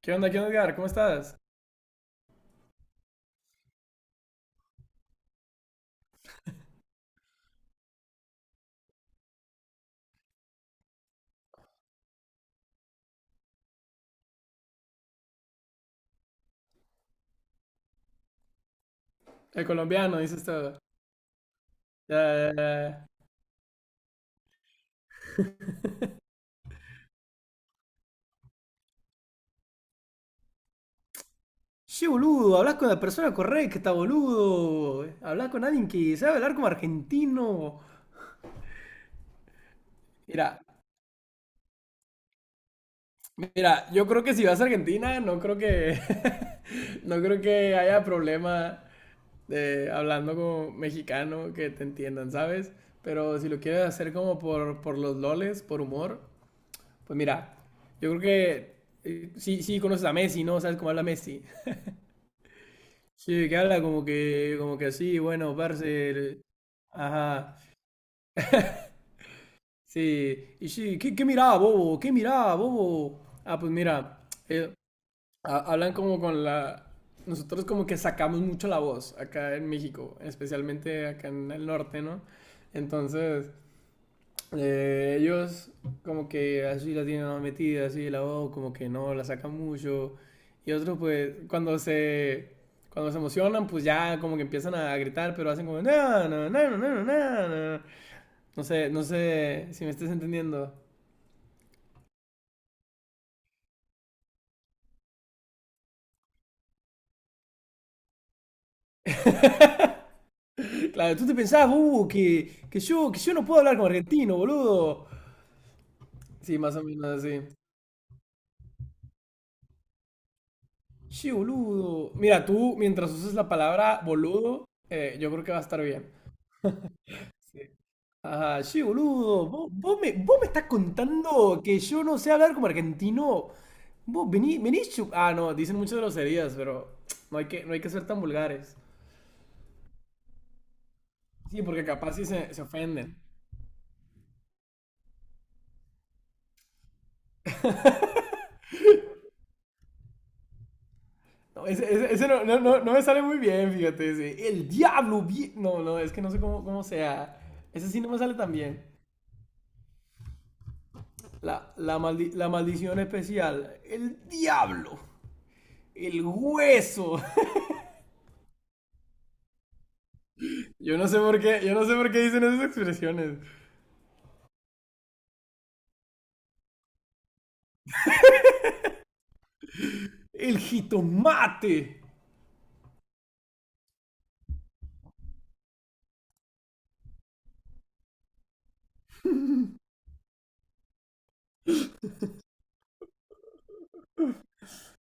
Qué onda, Edgar? ¿Cómo estás? El colombiano, dices todo. Ya, ya, ya. Che, boludo, hablas con la persona correcta, boludo. Hablas con alguien que sabe hablar como argentino. Mira, mira, yo creo que si vas a Argentina, no creo que, no creo que haya problema de hablando como mexicano que te entiendan, ¿sabes? Pero si lo quieres hacer como por los loles, por humor, pues mira, yo creo que sí, sí conoces a Messi, ¿no? ¿Sabes cómo habla Messi? Sí, que habla como que así, bueno, parce, ajá, sí, y sí, ¿qué mirá, bobo? ¿Qué mirá, bobo? Ah, pues mira, ha- hablan como con la, nosotros como que sacamos mucho la voz acá en México, especialmente acá en el norte, ¿no? Entonces, ellos como que así la tienen más metida, así la voz como que no la sacan mucho. Y otros pues cuando se emocionan pues ya como que empiezan a gritar, pero hacen como no, no, no, no, no, no, no. No sé, no sé si me estés entendiendo. Claro, tú te pensabas, que yo no puedo hablar como argentino, boludo. Sí, más o menos así. Sí, boludo. Mira, tú mientras uses la palabra boludo, yo creo que va a estar bien. Sí. Ah, che, boludo, vos me estás contando que yo no sé hablar como argentino. Vos venís, venís chu- Ah, no, dicen muchas groserías, pero no hay que ser tan vulgares. Sí, porque capaz sí se ofenden. No, ese no, no me sale muy bien, fíjate. El diablo. No, no, es que no sé cómo sea. Ese sí no me sale tan bien. La maldición especial. El diablo. El hueso. Yo no sé por qué, yo no sé por qué dicen esas expresiones. El jitomate.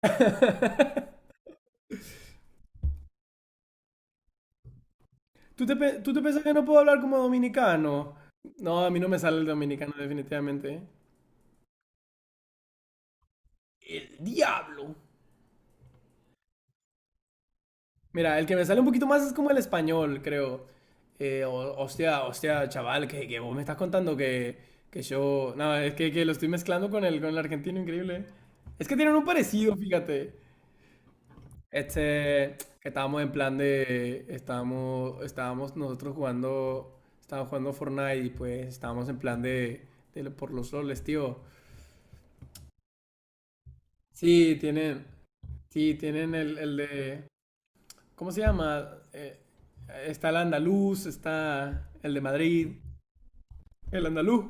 ¿Tú te piensas que no puedo hablar como dominicano? No, a mí no me sale el dominicano definitivamente. El diablo. Mira, el que me sale un poquito más es como el español, creo. Hostia, hostia, chaval, que vos me estás contando que yo... No, es que lo estoy mezclando con el argentino, increíble. Es que tienen un parecido, fíjate. Que estábamos en plan de, estábamos, estábamos nosotros jugando, estábamos jugando Fortnite y pues estábamos en plan de por los roles, tío. Sí, tienen, sí, tienen el de, ¿cómo se llama? Está el andaluz, está el de Madrid, el andaluz.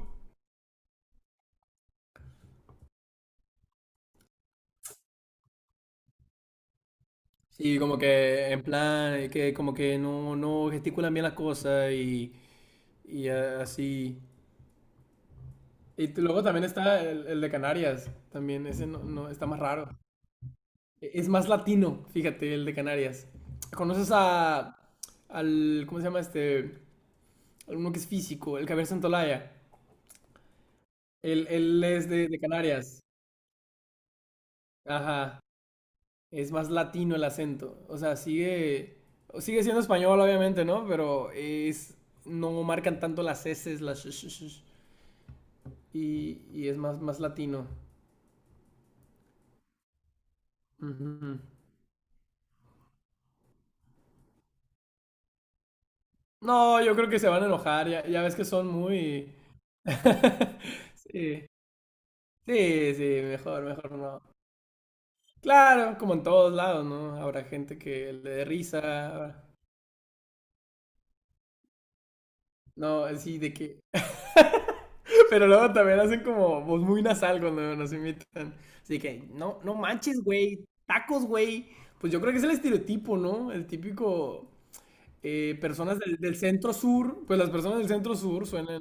Sí, como que en plan, que como que no gesticulan bien las cosas y así. Y luego también está el de Canarias, también ese no está más raro. Es más latino, fíjate, el de Canarias. ¿Conoces al, ¿cómo se llama este? Alguno que es físico, el Javier Santolaya. Él es de Canarias. Ajá. Es más latino el acento. O sea, sigue siendo español, obviamente, ¿no? No marcan tanto las S, las sh- sh- sh- y es más latino. Ujú. No, yo creo que se van a enojar. Ya, ya ves que son muy... Sí, sí, sí, mejor, mejor no. Claro, como en todos lados, ¿no? Habrá gente que le dé risa. No, así de que. Pero luego también hacen como voz muy nasal cuando nos imitan. Así que, no, no manches, güey. Tacos, güey. Pues yo creo que es el estereotipo, ¿no? El típico. Personas del centro sur. Pues las personas del centro sur suenan.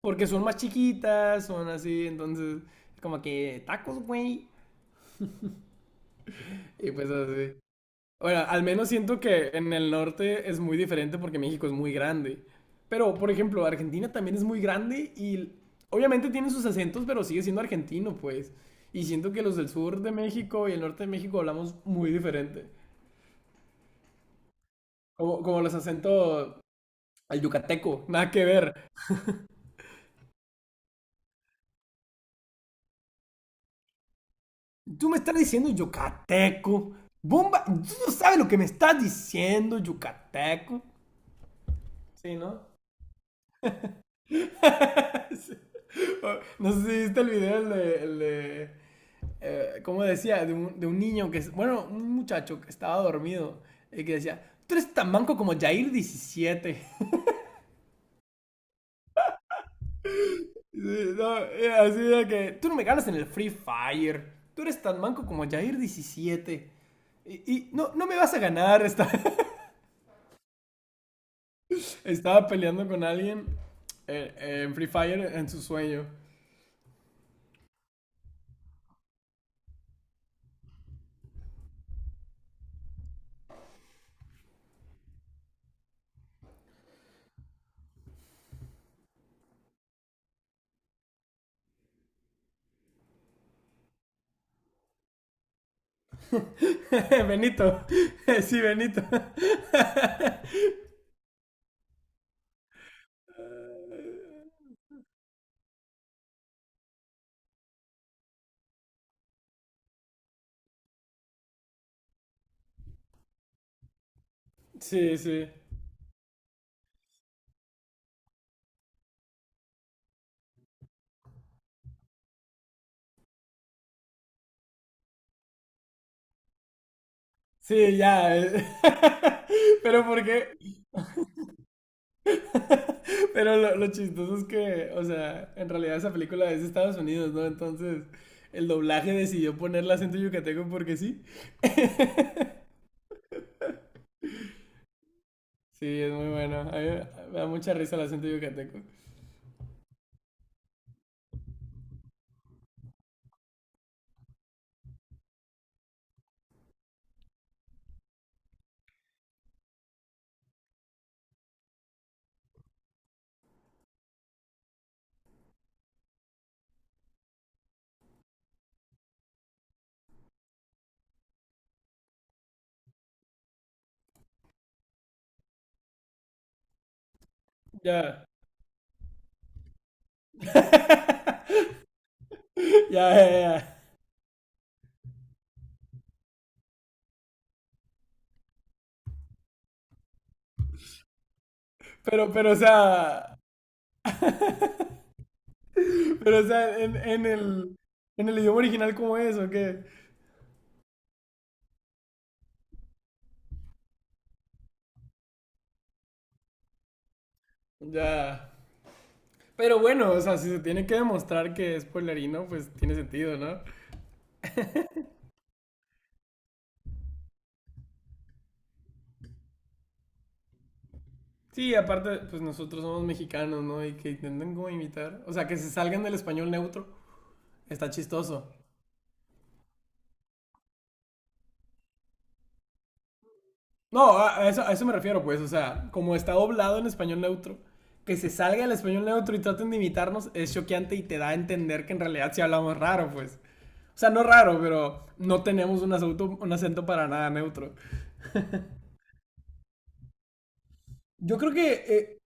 Porque son más chiquitas, son así. Entonces, como que tacos, güey. Y pues así. Ahora, al menos siento que en el norte es muy diferente porque México es muy grande. Pero, por ejemplo, Argentina también es muy grande y obviamente tiene sus acentos, pero sigue siendo argentino, pues. Y siento que los del sur de México y el norte de México hablamos muy diferente. Como los acentos al yucateco, nada que ver. Tú me estás diciendo yucateco. Bomba, tú no sabes lo que me estás diciendo, yucateco. Sí, ¿no? Sí. No sé si viste el video, el de como decía, de un niño que, bueno, un muchacho que estaba dormido y que decía, tú eres tan manco como Jair17. No, así de que, tú no me ganas en el Free Fire, tú eres tan manco como Jair diecisiete. Y no me vas a ganar, Estaba peleando con alguien en Free Fire en su sueño. Benito, sí, Benito. Sí, sí. Sí, ya. Pero porque Pero lo chistoso es que, o sea, en realidad esa película es de Estados Unidos, ¿no? Entonces, el doblaje decidió ponerle acento yucateco porque sí. Sí, es muy bueno. A mí me da mucha risa el acento yucateco. Ya. Ya, ya, ya. Pero, o sea. Pero, o sea, en el idioma original, ¿cómo es o qué? Ya. Pero bueno, o sea, si se tiene que demostrar que es pueblerino, pues tiene sentido, ¿no? Sí, aparte, pues nosotros somos mexicanos, ¿no? Y que intenten como imitar. O sea, que se salgan del español neutro. Está chistoso. No, a eso me refiero, pues. O sea, como está doblado en español neutro, que se salga del español neutro y traten de imitarnos es choqueante y te da a entender que en realidad sí hablamos raro, pues. O sea, no raro, pero no tenemos un acento para nada neutro. Yo creo que,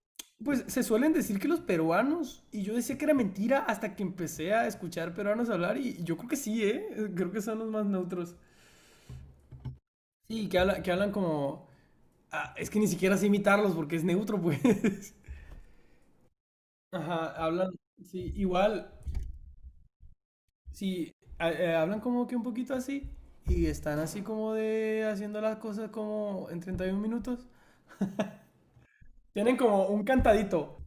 pues se suelen decir que los peruanos, y yo decía que era mentira hasta que empecé a escuchar peruanos hablar, y yo creo que sí, ¿eh? Creo que son los más neutros. Sí, que hablan como... Ah, es que ni siquiera sé imitarlos porque es neutro, pues. Ajá, hablan, sí, igual, sí, hablan como que un poquito así, y están así como de haciendo las cosas como en 31 minutos. Tienen como un cantadito.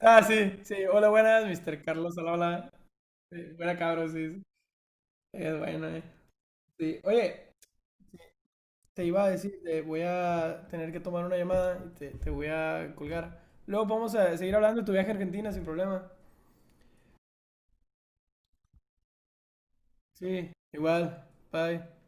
Ah, sí, sí, hola, buenas, mister Carlos, hola, hola. Sí, buena cabros, sí. Sí. Es bueno, eh. Sí. Oye, te iba a decir, te voy a tener que tomar una llamada y te voy a colgar. Luego vamos a seguir hablando de tu viaje a Argentina sin problema. Sí, igual. Bye.